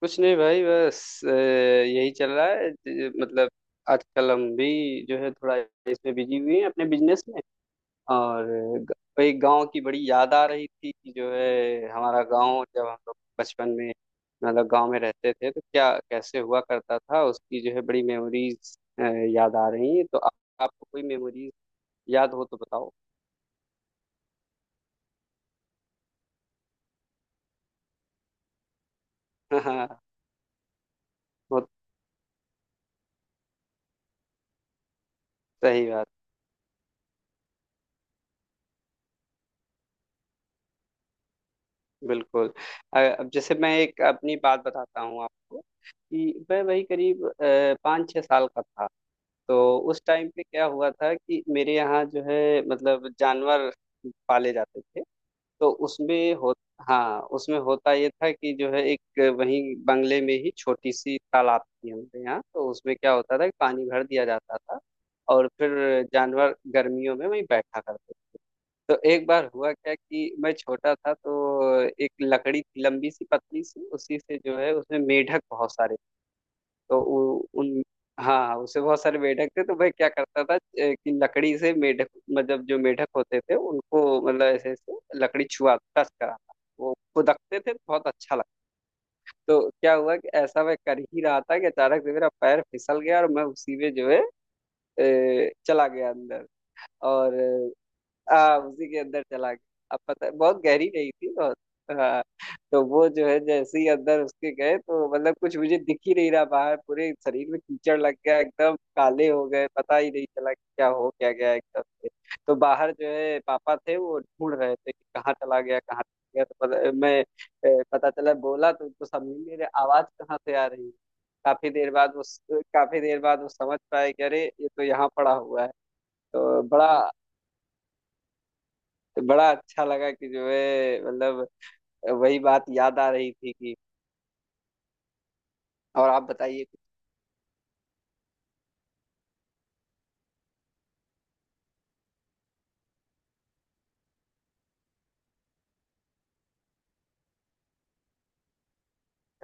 कुछ नहीं भाई बस यही चल रहा है मतलब आजकल हम भी जो है थोड़ा इसमें बिजी हुए हैं अपने बिजनेस में। और ग- भाई गांव की बड़ी याद आ रही थी कि जो है हमारा गांव जब हम लोग बचपन में मतलब गांव में रहते थे तो क्या कैसे हुआ करता था उसकी जो है बड़ी मेमोरीज याद आ रही हैं। तो आपको कोई मेमोरीज याद हो तो बताओ। हाँ। बहुत। सही बात। बिल्कुल। अब जैसे मैं एक अपनी बात बताता हूँ आपको कि मैं वही करीब 5-6 साल का था। तो उस टाइम पे क्या हुआ था कि मेरे यहाँ जो है मतलब जानवर पाले जाते थे। तो उसमें हो हाँ, उसमें होता ये था कि जो है एक वहीं बंगले में ही छोटी सी तालाब थी हमारे यहाँ। तो उसमें क्या होता था कि पानी भर दिया जाता था और फिर जानवर गर्मियों में वहीं बैठा करते। तो एक बार हुआ क्या कि मैं छोटा था तो एक लकड़ी थी लंबी सी पतली सी उसी से जो है उसमें मेढक बहुत सारे। तो उ, उन हाँ हाँ, उससे बहुत सारे मेढक थे तो मैं क्या करता था कि लकड़ी से मेढक मतलब जो मेढक होते थे उनको मतलब ऐसे ऐसे लकड़ी छुआ टच करा वो खुदकते थे बहुत अच्छा लगता। तो क्या हुआ कि ऐसा मैं कर ही रहा था कि अचानक से मेरा पैर फिसल गया और मैं उसी में जो है चला गया अंदर। और हाँ, उसी के अंदर चला गया। अब पता बहुत गहरी नहीं थी बहुत। हाँ। तो वो जो है जैसे ही अंदर उसके गए तो मतलब कुछ मुझे दिख ही नहीं रहा बाहर, पूरे शरीर में कीचड़ लग गया, एकदम काले हो गए, पता ही नहीं चला कि क्या हो क्या गया एकदम से। तो बाहर जो है पापा थे वो ढूंढ रहे थे कि कहाँ चला गया कहाँ चला गया। पता चला बोला तो उनको समझ मेरे आवाज कहाँ से आ रही है। काफी देर बाद वो समझ पाए कि अरे ये तो यहाँ पड़ा हुआ है। तो बड़ा बड़ा अच्छा लगा कि जो है मतलब वही बात याद आ रही थी कि। और आप बताइए कुछ।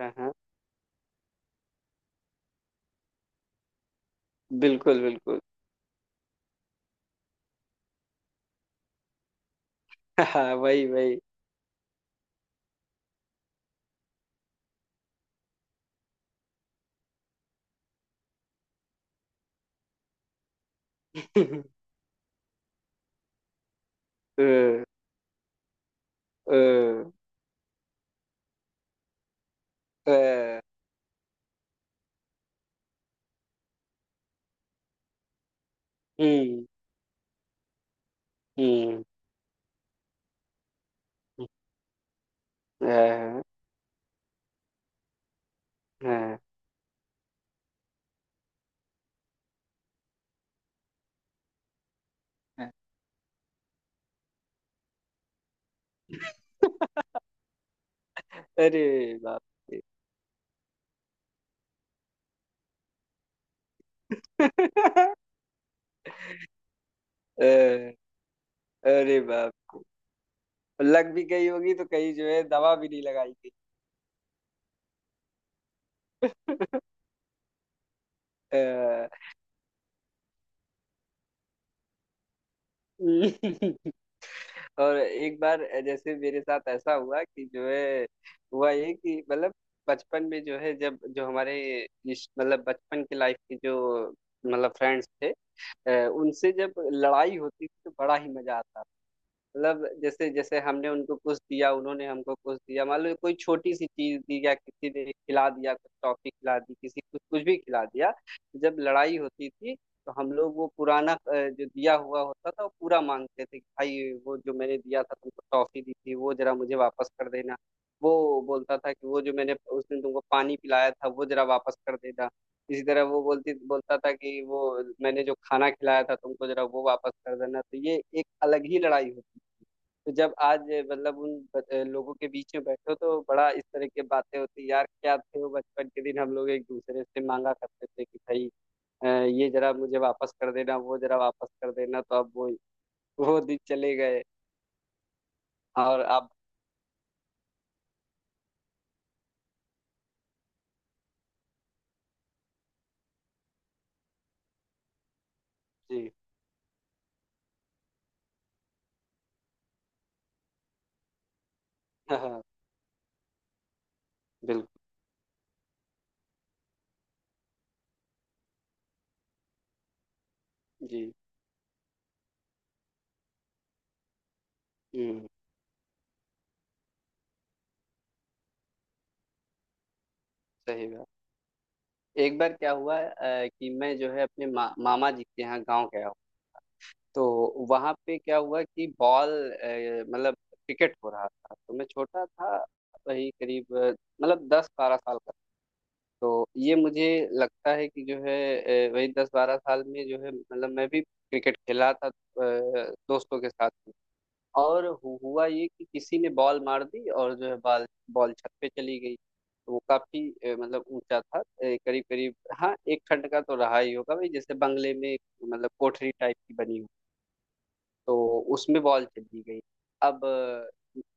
हाँ हाँ। बिल्कुल बिल्कुल। हाँ, वही वही। अ, अ, अ, हम्म हम्म। अ, हाँ, हाँ। अरे बाप रे। अ, अरे बाप रे। लग भी गई होगी तो कहीं जो है दवा भी नहीं लगाई गई। अ, और एक बार जैसे मेरे साथ ऐसा हुआ कि जो है हुआ ये कि मतलब बचपन में जो है जब जो हमारे इस मतलब बचपन की लाइफ के जो मतलब फ्रेंड्स थे उनसे जब लड़ाई होती थी तो बड़ा ही मजा आता था। मतलब जैसे जैसे हमने उनको कुछ दिया उन्होंने हमको कुछ दिया, मान लो कोई छोटी सी चीज दी या किसी ने खिला दिया कुछ टॉफी खिला दी किसी कुछ कुछ भी खिला दिया। जब लड़ाई होती थी तो हम लोग वो पुराना जो दिया हुआ होता था वो पूरा मांगते थे कि भाई वो जो मैंने दिया था तुमको टॉफी दी थी वो जरा मुझे वापस कर देना। वो बोलता था कि वो जो मैंने उस दिन तुमको पानी पिलाया था वो जरा वापस कर देना। इसी तरह वो बोलती बोलता था कि वो मैंने जो खाना खिलाया था तुमको जरा वो वापस कर देना। तो ये एक अलग ही लड़ाई होती। तो जब आज मतलब उन लोगों के बीच में बैठो तो बड़ा इस तरह की बातें होती हैं। यार क्या थे वो बचपन के दिन हम लोग एक दूसरे से मांगा करते थे कि भाई ये जरा मुझे वापस कर देना वो जरा वापस कर देना। तो अब वो दिन चले गए। और अब। जी। हाँ। बिल्कुल। जी। हम्म। सही बात। एक बार क्या हुआ कि मैं जो है अपने मामा जी के यहाँ गाँव गया। तो वहां पे क्या हुआ कि बॉल मतलब क्रिकेट हो रहा था तो मैं छोटा था। वही करीब मतलब 10-12 साल का। तो ये मुझे लगता है कि जो है वही 10-12 साल में जो है मतलब मैं भी क्रिकेट खेला था दोस्तों के साथ में। और हुआ ये कि किसी ने बॉल मार दी और जो है बॉल बॉल छत पे चली गई। तो वो काफी मतलब ऊंचा था करीब करीब, हाँ एक खंड का तो रहा ही होगा भाई, जैसे बंगले में मतलब कोठरी टाइप की बनी। तो उसमें बॉल चली गई। अब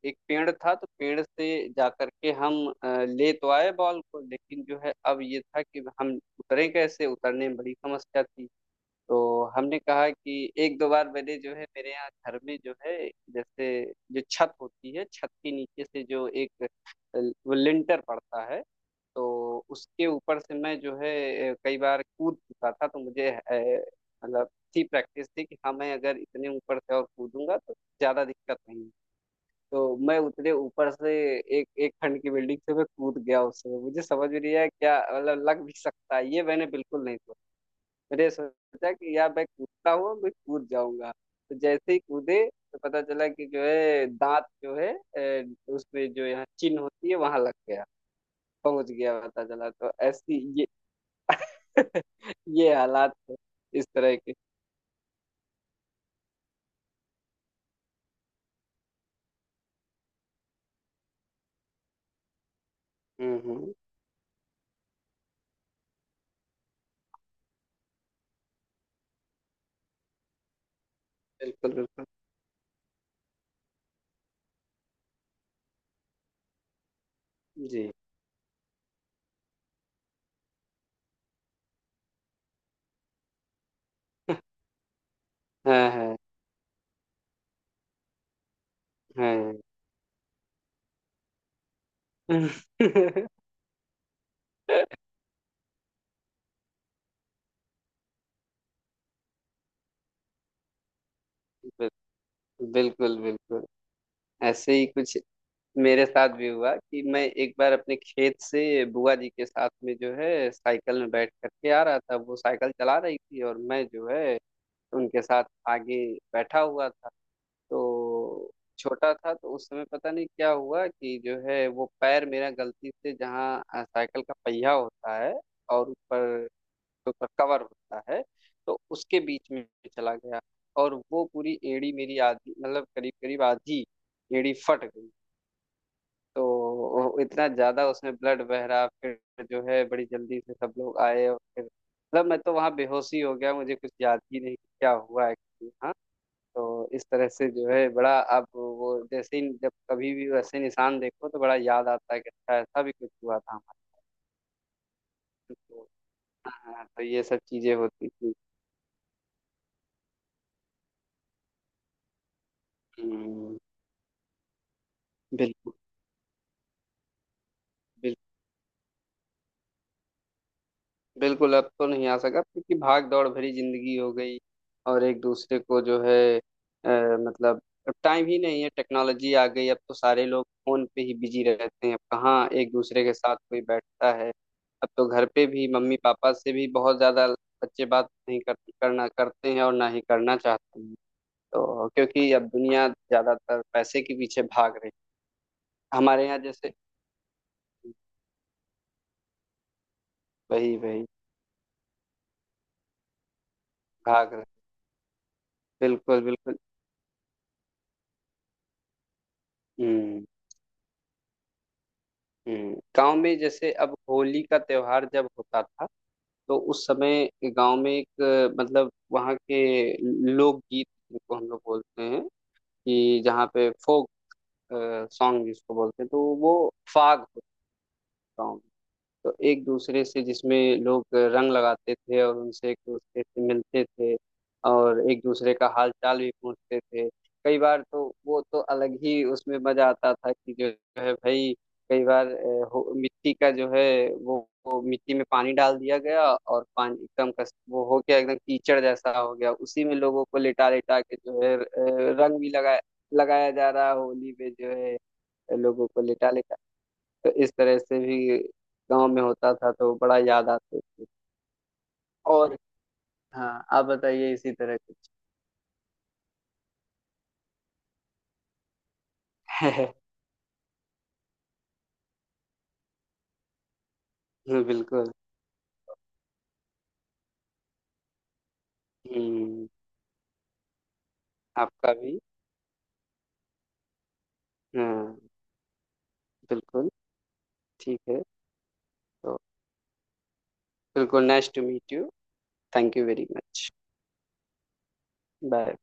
एक पेड़ था तो पेड़ से जा करके हम ले तो आए बॉल को, लेकिन जो है अब ये था कि हम उतरे कैसे, उतरने में बड़ी समस्या थी। तो हमने कहा कि एक दो बार मैंने जो है मेरे यहाँ घर में जो है जैसे जो छत होती है छत के नीचे से जो एक वो लिंटर पड़ता है। तो उसके ऊपर से मैं जो है कई बार कूद चुका था। तो मुझे मतलब थी, प्रैक्टिस थी कि हाँ मैं अगर इतने ऊपर से और कूदूंगा तो ज्यादा दिक्कत नहीं है। तो मैं उतने ऊपर से एक एक खंड की बिल्डिंग से मैं कूद गया। उससे मुझे समझ भी नहीं आया क्या मतलब लग भी सकता है ये मैंने बिल्कुल नहीं, मैंने सोचा कि यार मैं कूदता हूँ मैं कूद जाऊंगा। तो जैसे ही कूदे तो पता चला कि जो है दांत जो है उसमें जो यहाँ चिन्ह होती है वहां लग गया, पहुंच गया पता चला तो ऐसी ये ये हालात है इस तरह के। हम्म। बिल्कुल बिल्कुल। जी। हाँ हाँ हाँ। बिल्कुल बिल्कुल बिल्कुल। ऐसे ही कुछ मेरे साथ भी हुआ कि मैं एक बार अपने खेत से बुआ जी के साथ में जो है साइकिल में बैठ करके आ रहा था। वो साइकिल चला रही थी और मैं जो है उनके साथ आगे बैठा हुआ था। तो छोटा था तो उस समय पता नहीं क्या हुआ कि जो है वो पैर मेरा गलती से जहाँ साइकिल का पहिया होता है और ऊपर जो ऊपर कवर होता है तो उसके बीच में चला गया। और वो पूरी एड़ी मेरी आधी मतलब करीब करीब आधी एड़ी फट गई। तो वो इतना ज्यादा उसमें ब्लड बह रहा, फिर जो है बड़ी जल्दी से सब लोग आए और फिर मतलब मैं तो वहाँ बेहोश ही हो गया, मुझे कुछ याद ही नहीं कि क्या हुआ एक्चुअली। हाँ। तो इस तरह से जो है बड़ा अब वो जैसे ही जब कभी भी वैसे निशान देखो तो बड़ा याद आता है कि अच्छा ऐसा भी कुछ हुआ था हमारे साथ। तो हाँ, तो ये सब चीजें होती थी। हम्म। बिल्कुल। बिल्कुल अब तो नहीं आ सका क्योंकि भाग दौड़ भरी जिंदगी हो गई। और एक दूसरे को जो है मतलब अब टाइम ही नहीं है, टेक्नोलॉजी आ गई, अब तो सारे लोग फोन पे ही बिजी रहते हैं, अब कहाँ एक दूसरे के साथ कोई बैठता है। अब तो घर पे भी मम्मी पापा से भी बहुत ज्यादा बच्चे बात नहीं करना करते हैं और ना ही करना चाहते हैं। तो क्योंकि अब दुनिया ज्यादातर पैसे के पीछे भाग रही है। हमारे यहाँ जैसे वही वही। भाग रहे। बिल्कुल बिल्कुल। हम्म हम्म। गांव में जैसे अब होली का त्योहार जब होता था तो उस समय गांव में एक मतलब वहाँ के लोकगीत जिनको हम लोग बोलते हैं कि जहाँ पे फोक सॉन्ग जिसको बोलते हैं तो वो फाग होता है गाँव में। तो एक दूसरे से जिसमें लोग रंग लगाते थे और उनसे एक दूसरे से मिलते थे और एक दूसरे का हाल चाल भी पूछते थे। कई बार तो वो तो अलग ही उसमें मजा आता था कि जो है भाई कई बार मिट्टी का जो है वो, वो मिट्टी में पानी डाल दिया गया और पानी एकदम कस वो हो गया, एकदम कीचड़ जैसा हो गया, उसी में लोगों को लिटा लिटा के जो है रंग भी लगाया, लगाया जा रहा है होली पे जो है लोगों को लिटा। तो इस तरह से भी गांव में होता था तो बड़ा याद आते थे। और हाँ, आप बताइए इसी तरह कुछ। बिल्कुल। हम्म। आपका भी। हाँ। बिल्कुल। ठीक है। तो बिल्कुल nice to meet you. Thank you very much. Bye.